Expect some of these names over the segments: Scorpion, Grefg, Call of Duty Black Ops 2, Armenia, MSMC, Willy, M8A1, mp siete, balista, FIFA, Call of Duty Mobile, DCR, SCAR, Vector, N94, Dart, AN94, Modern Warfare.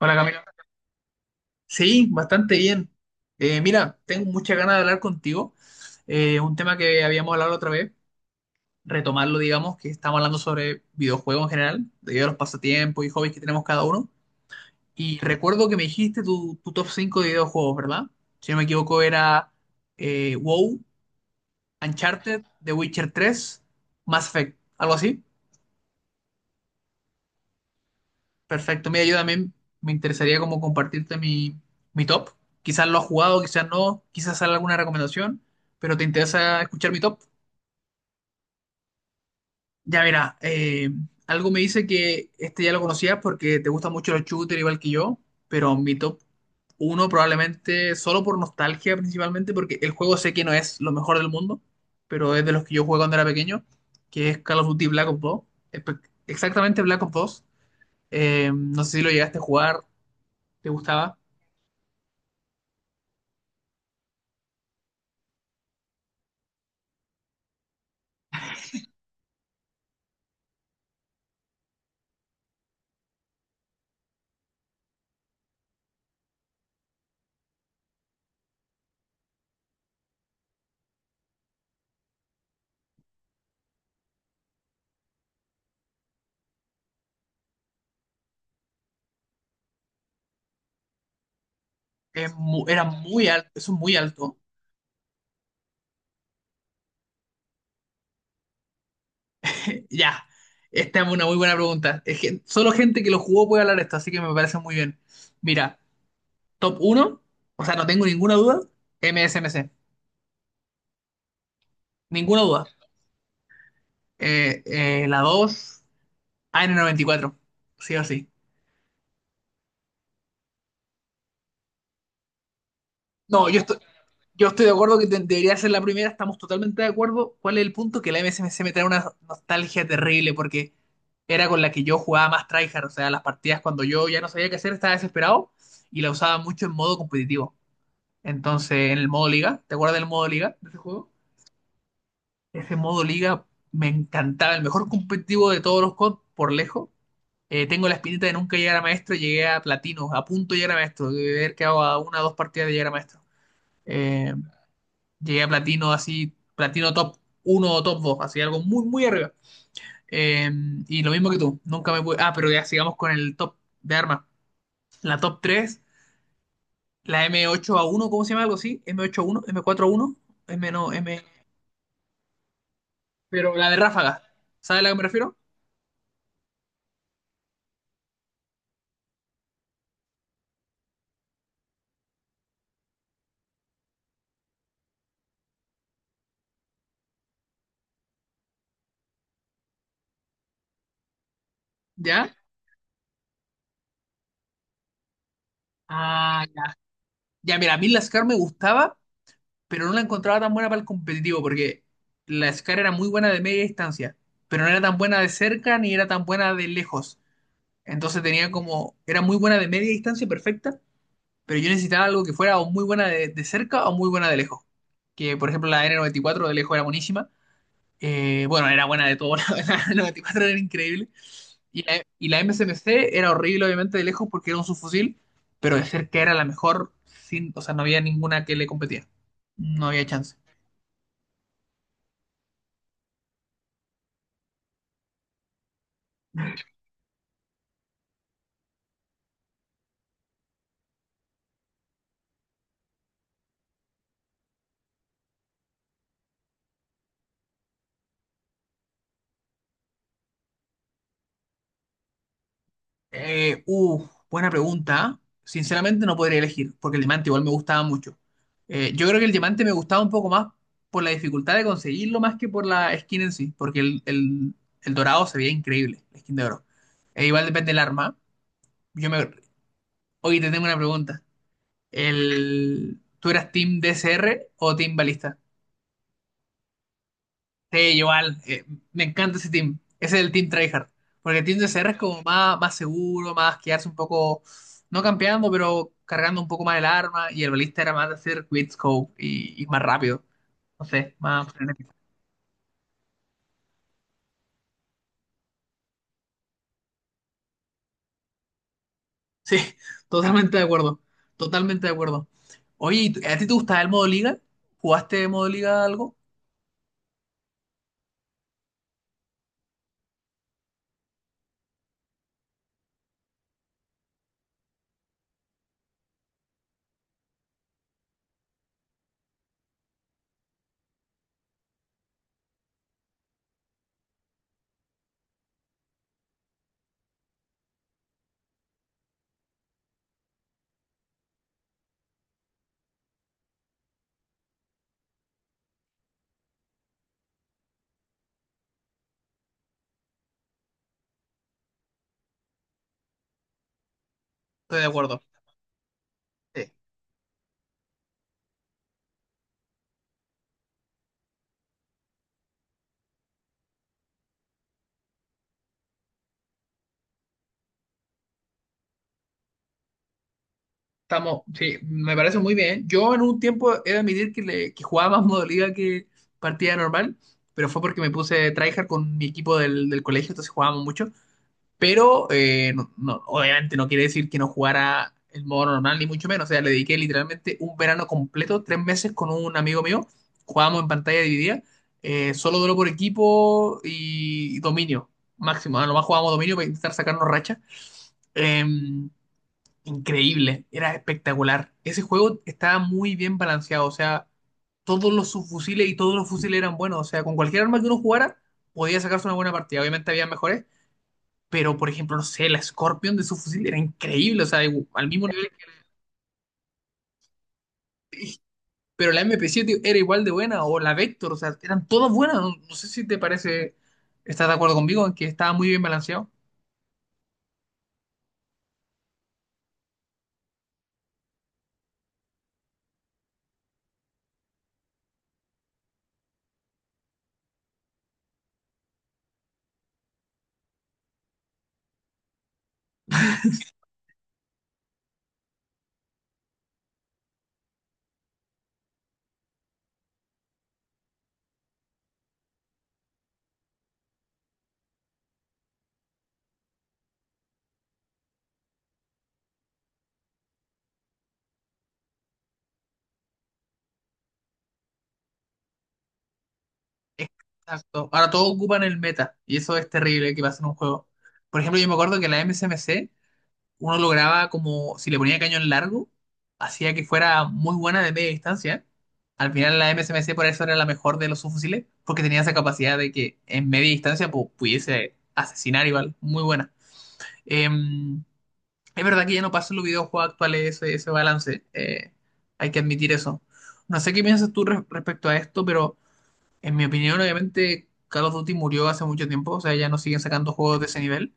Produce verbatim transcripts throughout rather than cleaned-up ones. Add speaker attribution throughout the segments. Speaker 1: Hola Camila. Sí, bastante bien. Eh, mira, tengo muchas ganas de hablar contigo. Eh, un tema que habíamos hablado otra vez, retomarlo, digamos, que estamos hablando sobre videojuegos en general, debido a los pasatiempos y hobbies que tenemos cada uno. Y recuerdo que me dijiste tu, tu top cinco de videojuegos, ¿verdad? Si no me equivoco, era eh, WoW, Uncharted, The Witcher tres, Mass Effect, algo así. Perfecto. Mira, yo también me interesaría como compartirte mi, mi top. Quizás lo has jugado, quizás no, quizás salga alguna recomendación, pero te interesa escuchar mi top. Ya verá, eh, algo me dice que este ya lo conocías porque te gustan mucho los shooters igual que yo, pero mi top uno probablemente solo por nostalgia principalmente porque el juego sé que no es lo mejor del mundo, pero es de los que yo jugué cuando era pequeño, que es Call of Duty Black Ops dos. Espe- Exactamente Black Ops dos. Eh, no sé si lo llegaste a jugar, ¿te gustaba? es mu- era muy alto, eso es muy alto. Ya, esta es una muy buena pregunta. Es que solo gente que lo jugó puede hablar de esto, así que me parece muy bien. Mira, top uno, o sea, no tengo ninguna duda, M S M C, ninguna duda. Eh, eh, la dos, A N noventa y cuatro, sí o sí. No, yo estoy, yo estoy de acuerdo que de- debería ser la primera, estamos totalmente de acuerdo. ¿Cuál es el punto? Que la M S M C me trae una nostalgia terrible porque era con la que yo jugaba más tryhard, o sea, las partidas cuando yo ya no sabía qué hacer, estaba desesperado y la usaba mucho en modo competitivo. Entonces, en el modo liga, ¿te acuerdas del modo liga de ese juego? Ese modo liga me encantaba, el mejor competitivo de todos los COD por lejos. Eh, tengo la espinita de nunca llegar a maestro, llegué a platino, a punto de llegar a maestro, de haber quedado a una o dos partidas de llegar a maestro. Eh, Llegué a platino así, platino top uno o top dos así algo muy, muy arriba. Eh, y lo mismo que tú, nunca me pude... Ah, pero ya sigamos con el top de armas. La top tres, la M ocho A uno, ¿cómo se llama algo así? M ocho A uno, M cuatro A uno, M cuatro A uno, M no, M... Pero la de ráfaga, ¿sabes a la que me refiero? ¿Ya? Ah, ya. Ya, mira, a mí la SCAR me gustaba, pero no la encontraba tan buena para el competitivo, porque la SCAR era muy buena de media distancia, pero no era tan buena de cerca ni era tan buena de lejos. Entonces tenía como, era muy buena de media distancia, perfecta, pero yo necesitaba algo que fuera o muy buena de, de cerca o muy buena de lejos. Que por ejemplo la N noventa y cuatro de lejos era buenísima. Eh, bueno, era buena de todo, la N noventa y cuatro era increíble. Y la, y la M S M C era horrible, obviamente, de lejos porque era un subfusil, pero de cerca era la mejor, sin, o sea, no había ninguna que le competía. No había chance. Eh, uh, buena pregunta. Sinceramente no podría elegir, porque el diamante igual me gustaba mucho. Eh, yo creo que el diamante me gustaba un poco más por la dificultad de conseguirlo más que por la skin en sí, porque el, el- el dorado se veía increíble, la skin de oro. E igual depende del arma. Yo me... Oye, te tengo una pregunta. El... ¿Tú eras team D C R o team balista? Sí, igual, eh, me encanta ese team. Ese es el team tryhard. Porque el team de C R es como más, más seguro, más quedarse un poco, no campeando, pero cargando un poco más el arma. Y el balista era más de hacer quick scope y, y más rápido. No sé, más frenético. Sí, totalmente de acuerdo. Totalmente de acuerdo. Oye, ¿y tú- ¿a ti te gustaba el modo liga? ¿Jugaste modo liga algo? Estoy de acuerdo. Sí. Estamos, sí, me parece muy bien. Yo en un tiempo he de admitir que, le, que jugaba más modo liga que partida normal, pero fue porque me puse tryhard con mi equipo del, del colegio, entonces jugábamos mucho. Pero eh, no, no, obviamente no quiere decir que no jugara el modo normal, ni mucho menos. O sea, le dediqué literalmente un verano completo, tres meses con un amigo mío. Jugábamos en pantalla dividida, eh, solo duelo por equipo y, y dominio máximo. A lo más jugábamos dominio para intentar sacarnos racha. Eh, Increíble, era espectacular. Ese juego estaba muy bien balanceado, o sea, todos los subfusiles y todos los fusiles eran buenos, o sea, con cualquier arma que uno jugara podía sacarse una buena partida. Obviamente había mejores, pero por ejemplo, no sé, la Scorpion de subfusil era increíble, o sea, igu- al mismo, pero la m p siete era igual de buena, o la Vector, o sea, eran todas buenas. No, no sé si te parece, estás de acuerdo conmigo en que estaba muy bien balanceado. Exacto. Ahora todos ocupan el meta, y eso es terrible que pasa en un juego. Por ejemplo, yo me acuerdo que la M S M C uno lograba como, si le ponía cañón largo, hacía que fuera muy buena de media distancia. Al final la M S M C por eso era la mejor de los subfusiles, porque tenía esa capacidad de que en media distancia pu- pudiese asesinar igual, muy buena. Eh, es verdad que ya no pasa en los videojuegos actuales ese, ese balance, eh, hay que admitir eso. No sé qué piensas tú re- respecto a esto, pero en mi opinión obviamente Call of Duty murió hace mucho tiempo, o sea, ya no siguen sacando juegos de ese nivel,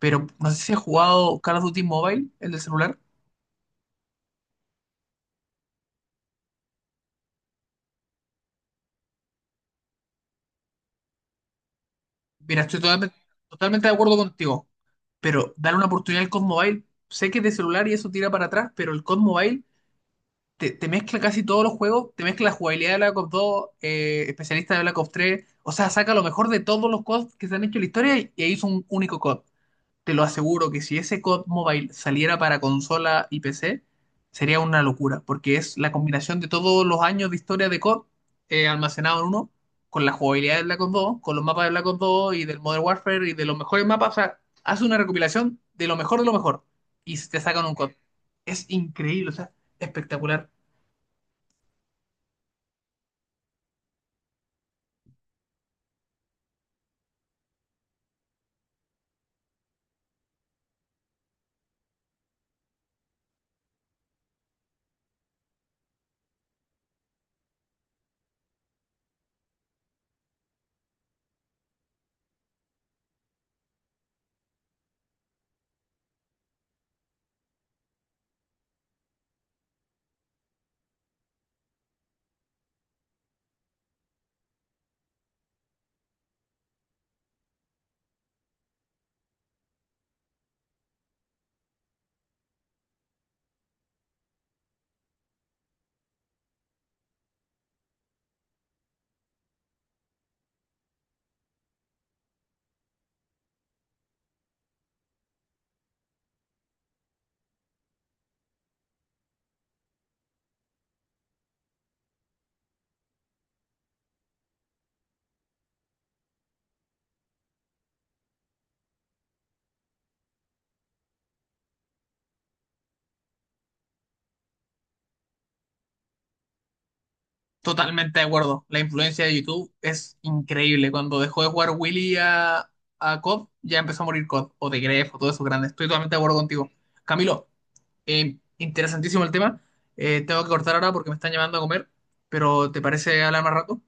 Speaker 1: pero no sé si has jugado Call of Duty Mobile, el de celular. Mira, estoy totalmente, totalmente de acuerdo contigo, pero dale una oportunidad al COD Mobile. Sé que es de celular y eso tira para atrás, pero el COD Mobile te, te mezcla casi todos los juegos, te mezcla la jugabilidad de Black Ops dos, eh, especialista de Black Ops tres, o sea, saca lo mejor de todos los COD que se han hecho en la historia y, e hizo un único COD. Te lo aseguro que si ese COD Mobile saliera para consola y P C, sería una locura, porque es la combinación de todos los años de historia de COD, eh, almacenado en uno, con la jugabilidad de Black Ops dos, con los mapas de Black Ops dos y del Modern Warfare y de los mejores mapas. O sea, hace una recopilación de lo mejor de lo mejor y te sacan un COD. Es increíble, o sea, espectacular. Totalmente de acuerdo. La influencia de YouTube es increíble. Cuando dejó de jugar Willy a, a COD, ya empezó a morir COD o D o de Grefg o todo eso grande. Estoy totalmente de acuerdo contigo. Camilo, eh, interesantísimo el tema. Eh, tengo que cortar ahora porque me están llamando a comer, pero ¿te parece hablar más rato?